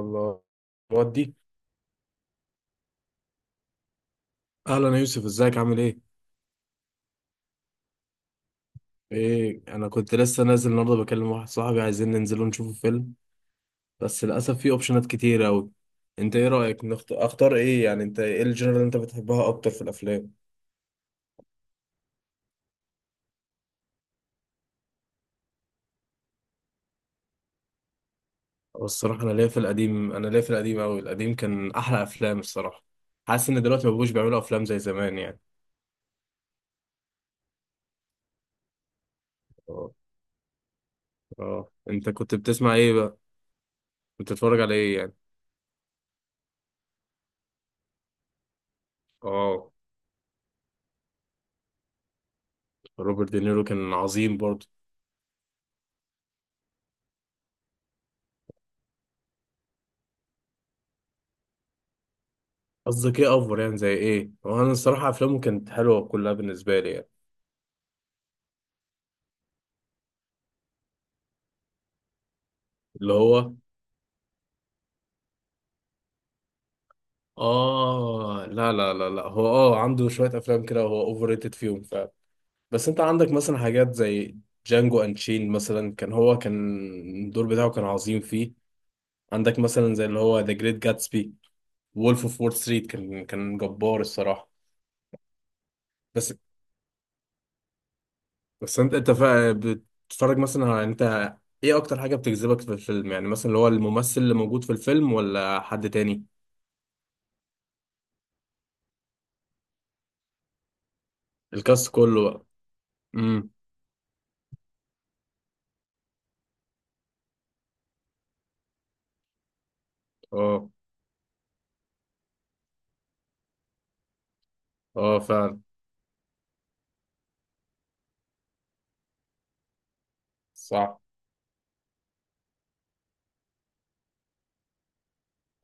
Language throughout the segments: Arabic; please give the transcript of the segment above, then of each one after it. الله ودي. اهلا يا يوسف، ازيك؟ عامل ايه؟ ايه، انا كنت لسه نازل النهارده بكلم واحد صاحبي، عايزين ننزل نشوف فيلم. بس للاسف في اوبشنات كتير قوي. انت ايه رايك؟ اختار ايه يعني؟ انت ايه الجنرال اللي انت بتحبها اكتر في الافلام؟ هو الصراحه انا ليا في القديم قوي. القديم كان احلى افلام الصراحه. حاسس ان دلوقتي ما بقوش بيعملوا افلام زي زمان يعني. اه. اه، انت كنت بتسمع ايه بقى؟ كنت بتتفرج على ايه يعني؟ اه. روبرت دينيرو كان عظيم برضه. قصدك ايه افور يعني؟ زي ايه؟ وانا الصراحه افلامه كانت حلوه كلها بالنسبه لي يعني. اللي هو اه. لا لا لا لا، هو عنده شويه افلام كده هو اوفر ريتد فيهم فعلا. بس انت عندك مثلا حاجات زي جانجو انشين مثلا، كان هو كان الدور بتاعه كان عظيم فيه. عندك مثلا زي اللي هو ذا جريت جاتسبي، وولف اوف وول ستريت، كان كان جبار الصراحه. بس بس بتتفرج مثلا على انت ايه اكتر حاجه بتجذبك في الفيلم يعني؟ مثلا اللي هو الممثل اللي موجود في الفيلم ولا حد تاني؟ الكاست كله بقى. امم اه. اه فعلا. صح.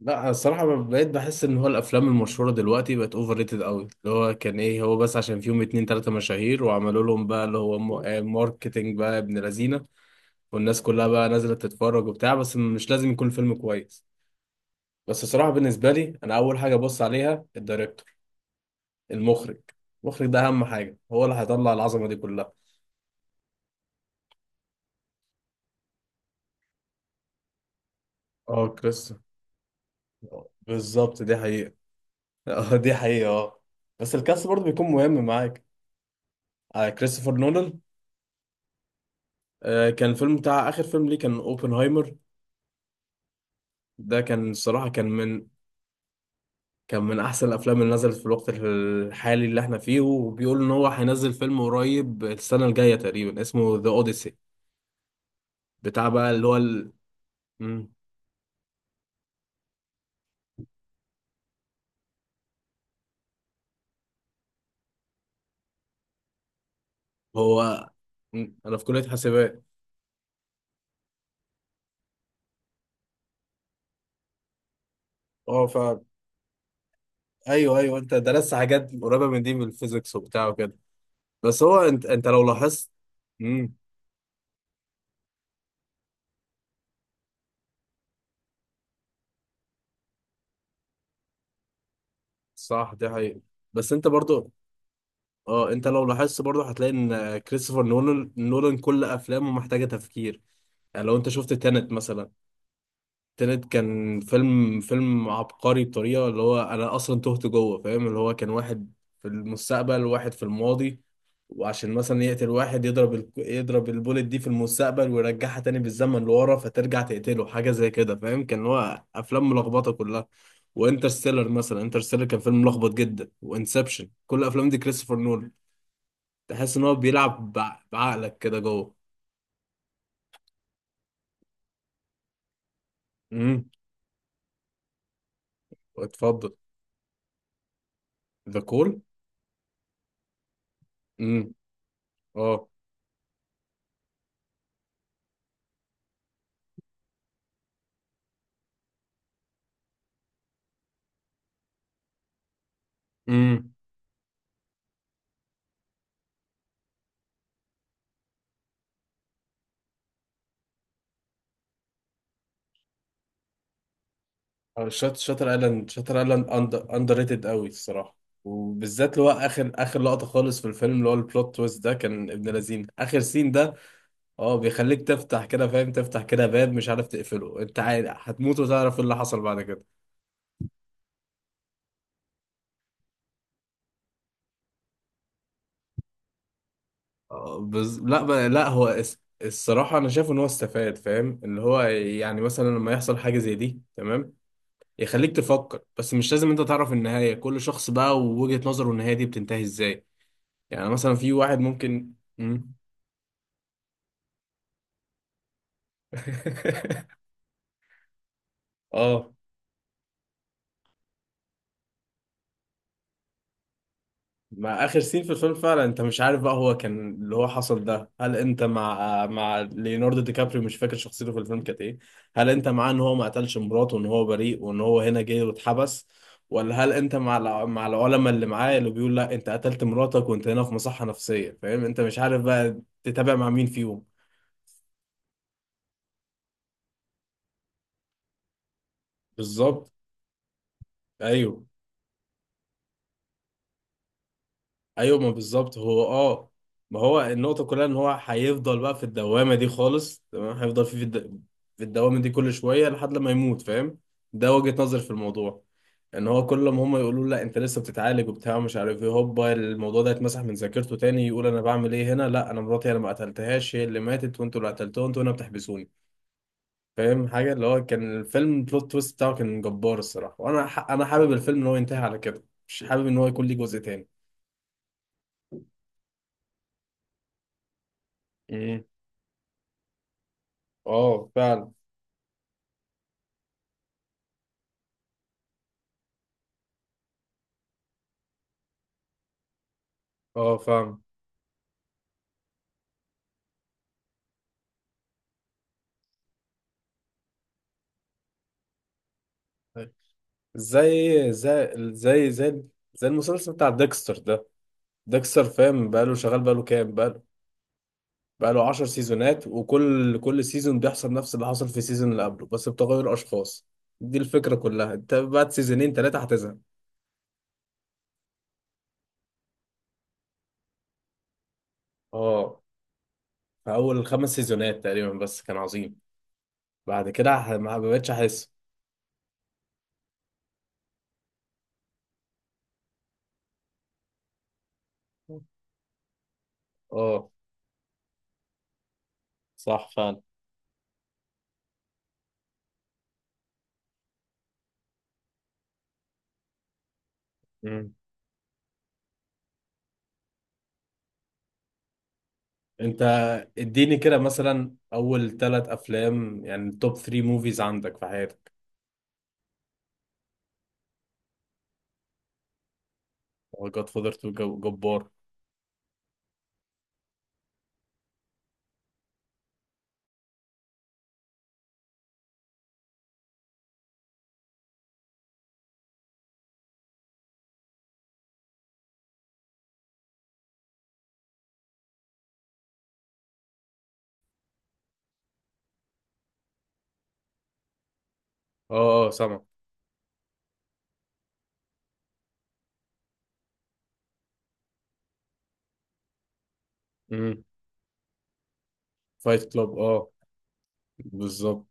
لا الصراحة بقيت بحس ان هو الافلام المشهورة دلوقتي بقت اوفر ريتد قوي، اللي هو كان ايه، هو بس عشان فيهم اتنين تلاتة مشاهير وعملوا لهم بقى اللي هو ماركتينج بقى ابن لذينة، والناس كلها بقى نازلة تتفرج وبتاع، بس مش لازم يكون الفيلم كويس. بس الصراحة بالنسبة لي انا اول حاجة ببص عليها الدايركتور، المخرج. المخرج ده اهم حاجة، هو اللي هيطلع العظمة دي كلها. اه كريستوفر. بالظبط، دي حقيقة. اه دي حقيقة اه. بس الكاست برضه بيكون مهم معاك. آه كريستوفر نولان. آه، كان الفيلم بتاع آخر فيلم ليه كان اوبنهايمر. ده كان الصراحة كان من كان من أحسن الأفلام اللي نزلت في الوقت الحالي اللي احنا فيه، وبيقول إن هو هينزل فيلم قريب السنة الجاية تقريبا اسمه ذا أوديسي. بتاع بقى مم. هو مم. أنا في كلية حاسبات. اه ف أيوه أيوه، أنت درست حاجات قريبة من دي من الفيزيكس وبتاع وكده. بس هو أنت أنت لو لاحظت مم. صح دي حقيقة. بس انت برضو اه، انت لو لاحظت برضو هتلاقي ان كريستوفر نولان كل افلامه محتاجة تفكير. يعني لو انت شفت تانت مثلا، التالت كان فيلم عبقري بطريقة اللي هو أنا أصلا تهت جوه. فاهم، اللي هو كان واحد في المستقبل وواحد في الماضي، وعشان مثلا يقتل واحد يضرب يضرب البوليت دي في المستقبل ويرجعها تاني بالزمن لورا فترجع تقتله، حاجة زي كده فاهم؟ كان هو أفلام ملخبطة كلها. وانترستيلر مثلا، انترستيلر كان فيلم ملخبط جدا، وانسبشن، كل الأفلام دي كريستوفر نولان. تحس إن هو بيلعب بعقلك كده جوه. امم. اتفضل. ذا كول. امم. اه. امم. أو شات شاتر ايلاند اندر ريتد قوي الصراحه. وبالذات اللي هو اخر لقطه خالص في الفيلم، اللي هو البلوت تويست ده كان ابن لذين اخر سين ده. اه بيخليك تفتح كده، فاهم، تفتح كده باب مش عارف تقفله، انت عارف هتموت وتعرف ايه اللي حصل بعد كده. آه، بز... لا ب... لا هو اس... الصراحه انا شايف ان هو استفاد. فاهم، اللي هو يعني مثلا لما يحصل حاجه زي دي تمام، يخليك تفكر، بس مش لازم انت تعرف النهايه. كل شخص بقى ووجهه نظره النهايه دي بتنتهي ازاي. يعني مثلا في واحد ممكن مم. اه، مع اخر سين في الفيلم فعلا، انت مش عارف بقى هو كان اللي هو حصل ده، هل انت مع ليوناردو دي كابريو، مش فاكر شخصيته في الفيلم كانت ايه، هل انت معاه ان هو ما قتلش مراته وان هو بريء وان هو هنا جه واتحبس، ولا هل انت مع العلماء اللي معاه اللي بيقول لا انت قتلت مراتك وانت هنا في مصحة نفسية؟ فاهم، انت مش عارف بقى تتابع مع مين فيهم. بالظبط. ايوه ايوه، ما بالظبط هو اه، ما هو النقطة كلها ان هو هيفضل بقى في الدوامة دي خالص. تمام، هيفضل في الدوامة دي كل شوية لحد لما يموت فاهم. ده وجهة نظر في الموضوع. ان هو كل ما هم يقولوا له لا انت لسه بتتعالج وبتاع مش عارف ايه، هوبا الموضوع ده يتمسح من ذاكرته تاني يقول انا بعمل ايه هنا، لا انا مراتي انا ما قتلتهاش، هي اللي ماتت وانتوا اللي قتلتوها وانتوا هنا بتحبسوني. فاهم، حاجة اللي هو كان الفيلم بلوت تويست بتاعه كان جبار الصراحة. انا حابب الفيلم ان هو ينتهي على كده، مش حابب ان هو يكون ليه جزء تاني. امم. اه فعلا. اه فاهم. زي زي زي زي زي المسلسل بتاع ديكستر ده. ديكستر فاهم بقاله شغال، بقاله كام، بقاله بقاله 10 سيزونات، وكل كل سيزون بيحصل نفس اللي حصل في السيزون اللي قبله بس بتغير اشخاص. دي الفكرة كلها، انت بعد سيزونين ثلاثة هتزهق. اه، في اول خمس سيزونات تقريبا بس كان عظيم. بعد كده ما بقتش احس. اه صح فعلا. مم. انت اديني كده مثلا اول ثلاث افلام، يعني توب 3 موفيز عندك في حياتك. اه جاد فاذر 2 جبار. اه اه سامع. امم. فايت كلاب اه. بالظبط.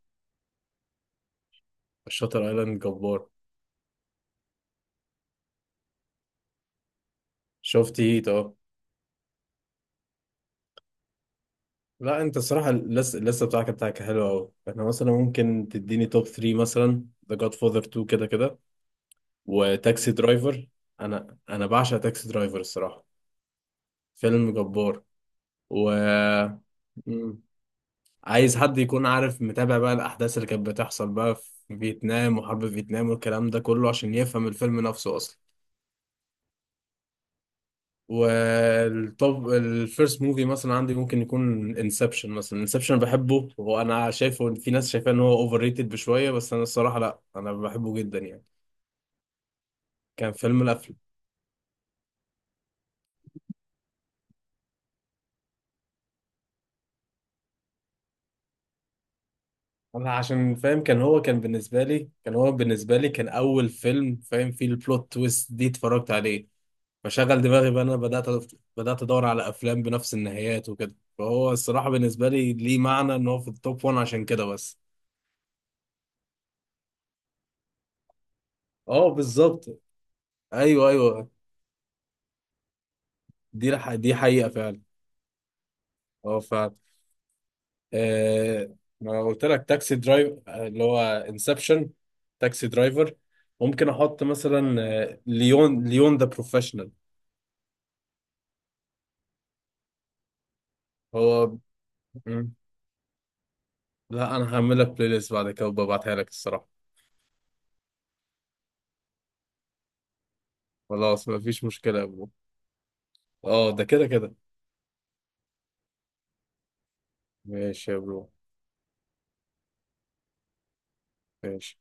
شاتر ايلاند جبار. شفت هيت اه. لا انت الصراحه اللسه اللسه بتاعك بتاعك حلوه قوي. احنا مثلا ممكن تديني توب 3 مثلا، ذا جاد فاذر 2 كده كده، وتاكسي درايفر. انا بعشق تاكسي درايفر الصراحه، فيلم جبار. و مم. عايز حد يكون عارف متابع بقى الأحداث اللي كانت بتحصل بقى في فيتنام وحرب فيتنام والكلام ده كله عشان يفهم الفيلم نفسه أصلا. والطب الفيرست موفي مثلا عندي ممكن يكون انسبشن مثلا. انسبشن بحبه، وانا شايفه ان في ناس شايفاه ان هو اوفر ريتد بشويه، بس انا الصراحه لا انا بحبه جدا يعني. كان فيلم القفل. انا عشان فاهم كان هو كان بالنسبه لي كان هو بالنسبه لي كان اول فيلم فاهم فيه البلوت تويست دي اتفرجت عليه. فشغل دماغي بقى. انا بدات بدات ادور على افلام بنفس النهايات وكده، فهو الصراحه بالنسبه لي ليه معنى ان هو في التوب 1 عشان كده بس. اه بالظبط. ايوه ايوه. دي حقيقه فعلا. اه فعلا. آه ما قلت لك تاكسي درايف، آه، اللي هو انسبشن، تاكسي درايفر. ممكن احط مثلا آه، ليون ذا بروفيشنال. هو مم. لا انا هعمل لك بلاي ليست بعد كده وببعتها لك الصراحه. خلاص ما فيش مشكله يا برو. اه ده كده كده. ماشي يا برو. ماشي.